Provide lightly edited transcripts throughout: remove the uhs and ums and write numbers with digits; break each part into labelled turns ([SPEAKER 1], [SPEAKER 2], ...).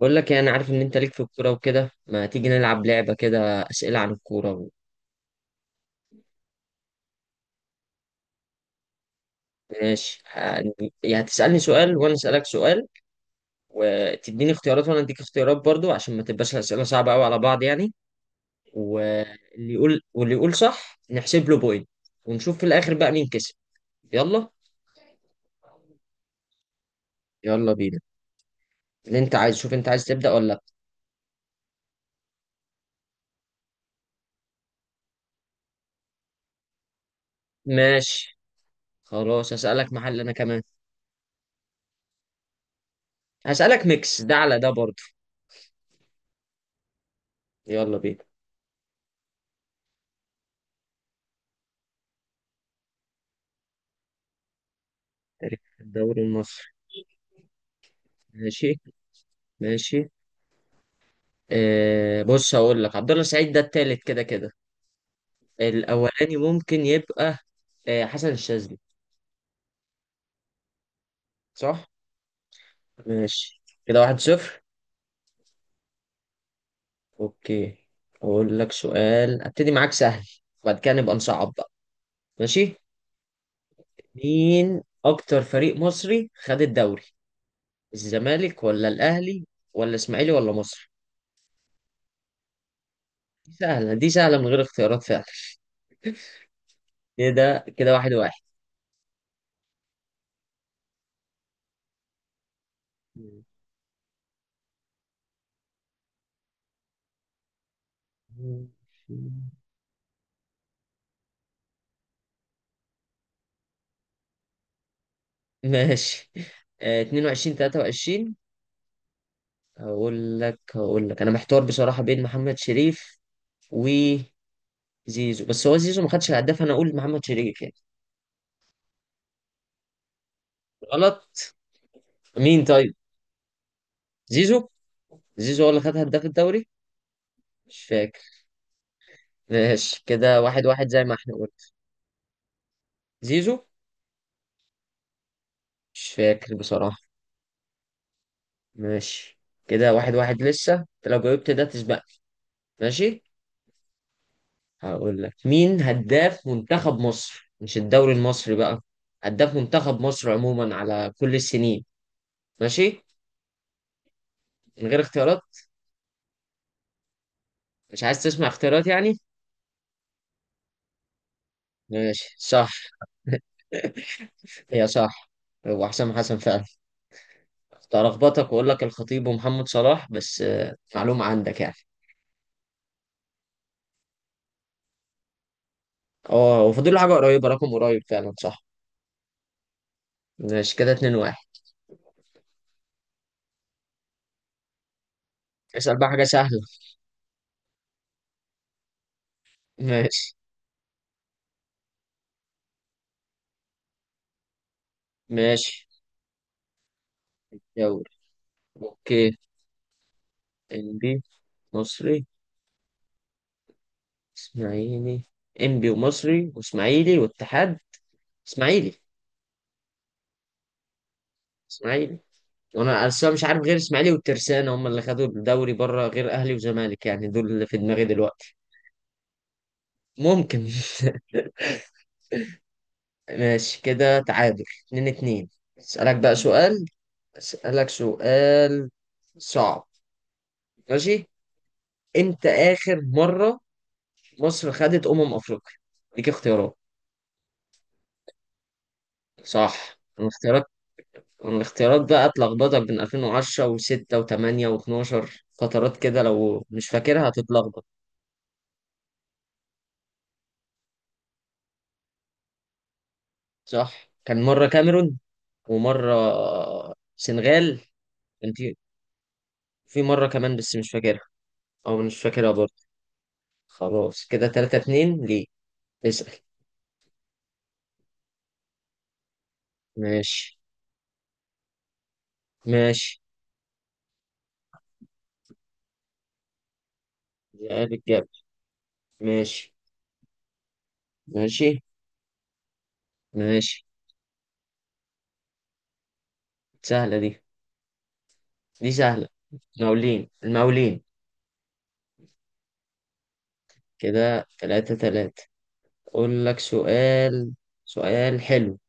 [SPEAKER 1] بقول لك، يعني عارف ان انت ليك في الكوره وكده، ما تيجي نلعب لعبه كده اسئله عن الكوره ماشي يعني هتسالني سؤال وانا اسالك سؤال. وتديني اختيارات وانا اديك اختيارات برضو، عشان ما تبقاش الاسئله صعبه قوي على بعض يعني. واللي يقول صح نحسب له بوينت. ونشوف في الاخر بقى مين كسب. يلا. يلا بينا. اللي انت عايز، شوف انت عايز تبدا ولا لا؟ ماشي، خلاص هسالك محل انا كمان. هسالك ميكس ده على ده برضو. يلا بينا. الدوري المصري. ماشي. ماشي. آه، بص هقول لك، عبد الله السعيد ده التالت كده كده. الاولاني ممكن يبقى آه، حسن الشاذلي. صح. ماشي كده واحد صفر. اوكي. اقول لك سؤال ابتدي معاك سهل، وبعد كده نبقى نصعب بقى. ماشي. مين اكتر فريق مصري خد الدوري؟ الزمالك ولا الاهلي ولا اسماعيلي ولا مصر؟ دي سهله دي سهله من غير اختيارات فعلا. كده كده واحد واحد. ماشي. آه، 22 23. هقول لك انا محتار بصراحه بين محمد شريف وزيزو. بس هو زيزو ما خدش الهداف، انا اقول محمد شريف يعني. غلط. مين طيب؟ زيزو. زيزو هو اللي خد هداف الدوري. مش فاكر. ماشي كده واحد واحد زي ما احنا قلنا. زيزو. مش فاكر بصراحه. ماشي، كده واحد واحد لسه، انت لو جاوبت ده تسبقني. ماشي. هقول لك، مين هداف منتخب مصر، مش الدوري المصري بقى. هداف منتخب مصر عموما على كل السنين. ماشي. من غير اختيارات. مش عايز تسمع اختيارات يعني؟ ماشي، صح. هي صح. هو حسام حسن فعلا. كنت هلخبطك واقول لك الخطيب ومحمد صلاح، بس معلومة عندك يعني. اه، وفاضل له حاجة قريبة، رقم قريب فعلا صح. ماشي كده اتنين واحد. اسأل بقى حاجة سهلة. ماشي. ماشي. يلا. اوكي. انبي. مصري. اسماعيلي. انبي ومصري واسماعيلي واتحاد. اسماعيلي. اسماعيلي. وانا اصلا مش عارف غير اسماعيلي والترسانة هم اللي خدوا الدوري بره، غير اهلي وزمالك يعني، دول اللي في دماغي دلوقتي. ممكن. ماشي، كده تعادل اتنين اتنين. اسألك بقى سؤال. اسألك سؤال. صعب. ماشي. امتى آخر مرة مصر خدت أمم أفريقيا؟ ليك اختيارات. صح الاختيارات. الاختيارات بقى اتلخبطك بين 2010 و6 و8 و12، فترات كده لو مش فاكرها هتتلخبط. صح، كان مرة كاميرون ومرة سنغال. كان في، في مرة كمان بس مش فاكرها. أو مش فاكرها برضه. خلاص، كده تلاتة اتنين ليه. اسأل. ماشي. ماشي. جاب الجاب. ماشي. ماشي. ماشي. سهلة دي، دي سهلة. المقاولين. المقاولين. كده تلاتة تلاتة. أقول لك سؤال. سؤال حلو.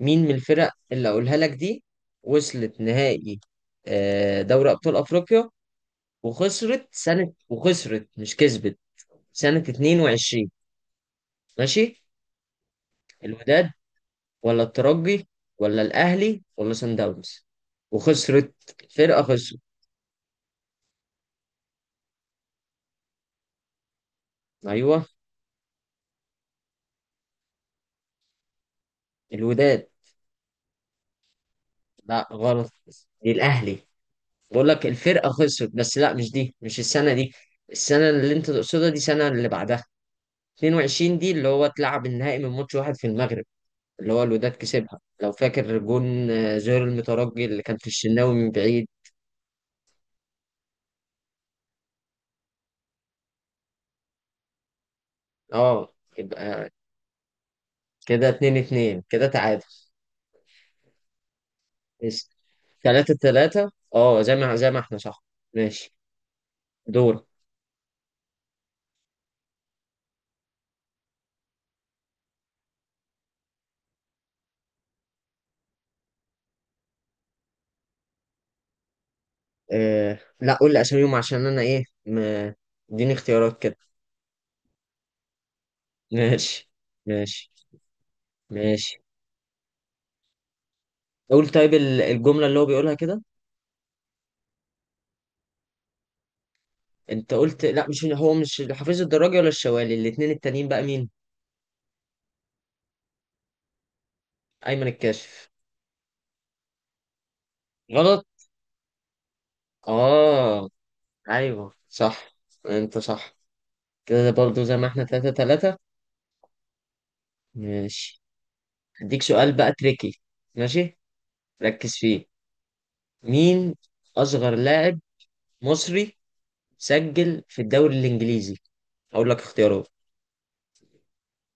[SPEAKER 1] مين من الفرق اللي أقولها لك دي وصلت نهائي دوري أبطال أفريقيا، وخسرت سنة، وخسرت مش كسبت، سنة 22؟ ماشي. الوداد ولا الترجي ولا الاهلي ولا سان داونز؟ وخسرت. الفرقه خسرت. ايوه. الوداد. لا غلط. دي الاهلي. بقول لك الفرقه خسرت، بس لا، مش دي، مش السنه دي. السنه اللي انت تقصدها دي السنه اللي بعدها. 22 دي اللي هو اتلعب النهائي من ماتش واحد في المغرب، اللي هو الوداد كسبها لو فاكر، جون زهير المترجي اللي كان في الشناوي من بعيد. اه يبقى كده 2 2 كده تعادل. 3 3 اه زي ما احنا صح. ماشي. دور. آه لا، قول لي اساميهم عشان انا ايه اديني اختيارات كده. ماشي. ماشي. ماشي. قول طيب الجملة اللي هو بيقولها كده. انت قلت لا مش هو، مش حفيظ الدراجي ولا الشوالي، الاتنين التانيين بقى مين؟ ايمن الكاشف. غلط. اه ايوه صح. انت صح. كده برضو زي ما احنا تلاتة تلاتة. ماشي. هديك سؤال بقى تريكي. ماشي. ركز فيه. مين اصغر لاعب مصري سجل في الدوري الانجليزي؟ هقول لك اختيارات.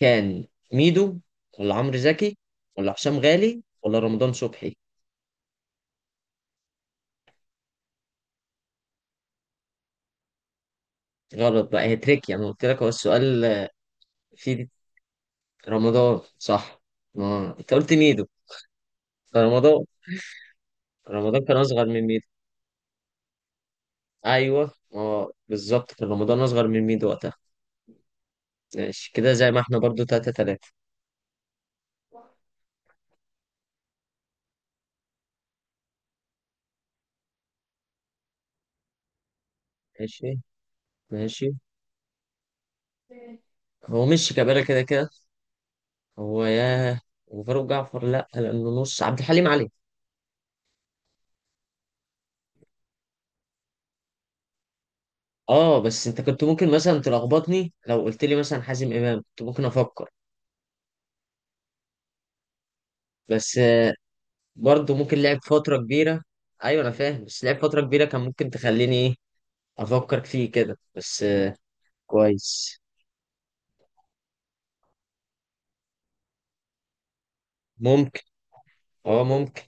[SPEAKER 1] كان ميدو ولا عمرو زكي ولا هشام غالي ولا رمضان صبحي؟ غلط بقى، هي تريكي، انا قلت لك هو السؤال. فيه رمضان صح. ما انت قلت ميدو. فرمضان. رمضان كان اصغر من ميدو. ايوه اه بالظبط، كان رمضان اصغر من ميدو وقتها. ماشي كده زي ما احنا برضو تلاتة تلاتة. ماشي. ماشي هو مش كبيرة كده كده. هو ياه. وفاروق جعفر لا، لانه نص عبد الحليم علي. اه، بس انت كنت ممكن مثلا تلخبطني لو قلت لي مثلا حازم امام، كنت ممكن افكر. بس برضه ممكن لعب فتره كبيره. ايوه انا فاهم، بس لعب فتره كبيره كان ممكن تخليني ايه، افكر فيه كده بس كويس. ممكن. اه ممكن.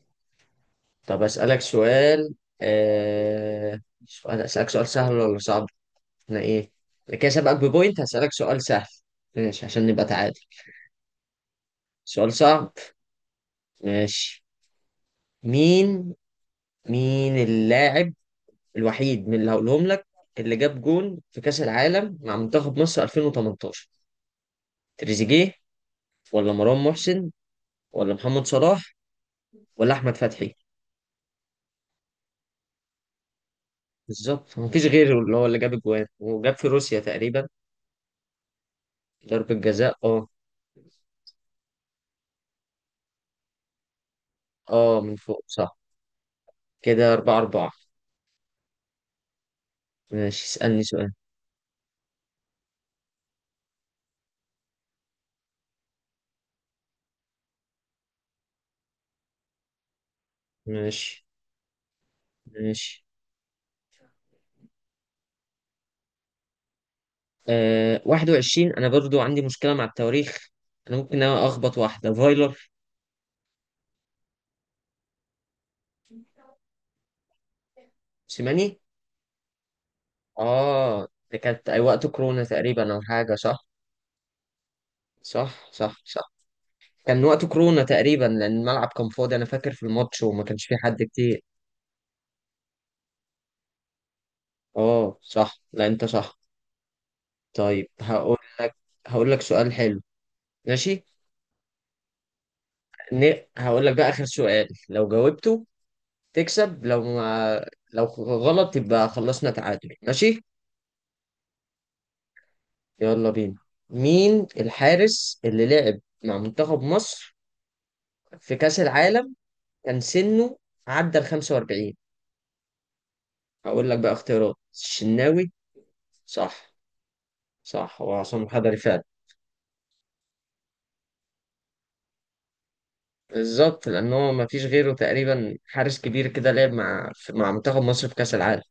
[SPEAKER 1] طب اسالك سؤال آه... سؤال اسالك سؤال سهل ولا صعب؟ احنا ايه؟ أنا كده سابقك ببوينت، هسالك سؤال سهل. ماشي عشان نبقى تعادل. سؤال صعب. ماشي. مين مين اللاعب الوحيد من اللي هقولهم لك اللي جاب جون في كأس العالم مع منتخب مصر 2018؟ تريزيجيه ولا مروان محسن ولا محمد صلاح ولا أحمد فتحي؟ بالظبط، مفيش غيره، اللي هو اللي جاب الجوان وجاب في روسيا تقريبا. ضربة جزاء اه. اه من فوق صح. كده أربعة أربعة. ماشي اسألني سؤال. ماشي. ماشي. 21 أنا برضو عندي مشكلة مع التواريخ. أنا ممكن أخبط واحدة فايلر. سيماني. اه ده كانت أي وقت كورونا تقريبا أو حاجة صح. صح. صح. صح. كان وقت كورونا تقريبا، لأن الملعب كان فاضي، أنا فاكر في الماتش وما كانش فيه حد كتير. اه صح، لا أنت صح. طيب هقول لك. هقول لك سؤال حلو. ماشي. هقول لك بقى آخر سؤال، لو جاوبته تكسب، لو ما، لو غلط يبقى خلصنا تعادل ماشي. يلا بينا. مين الحارس اللي لعب مع منتخب مصر في كأس العالم كان سنه عدى ال 45؟ هقول لك بقى اختيارات، الشناوي. صح. صح، هو عصام الحضري فعلا. بالظبط، لأن هو مفيش غيره تقريبا، حارس كبير كده لعب مع منتخب مصر في كأس العالم.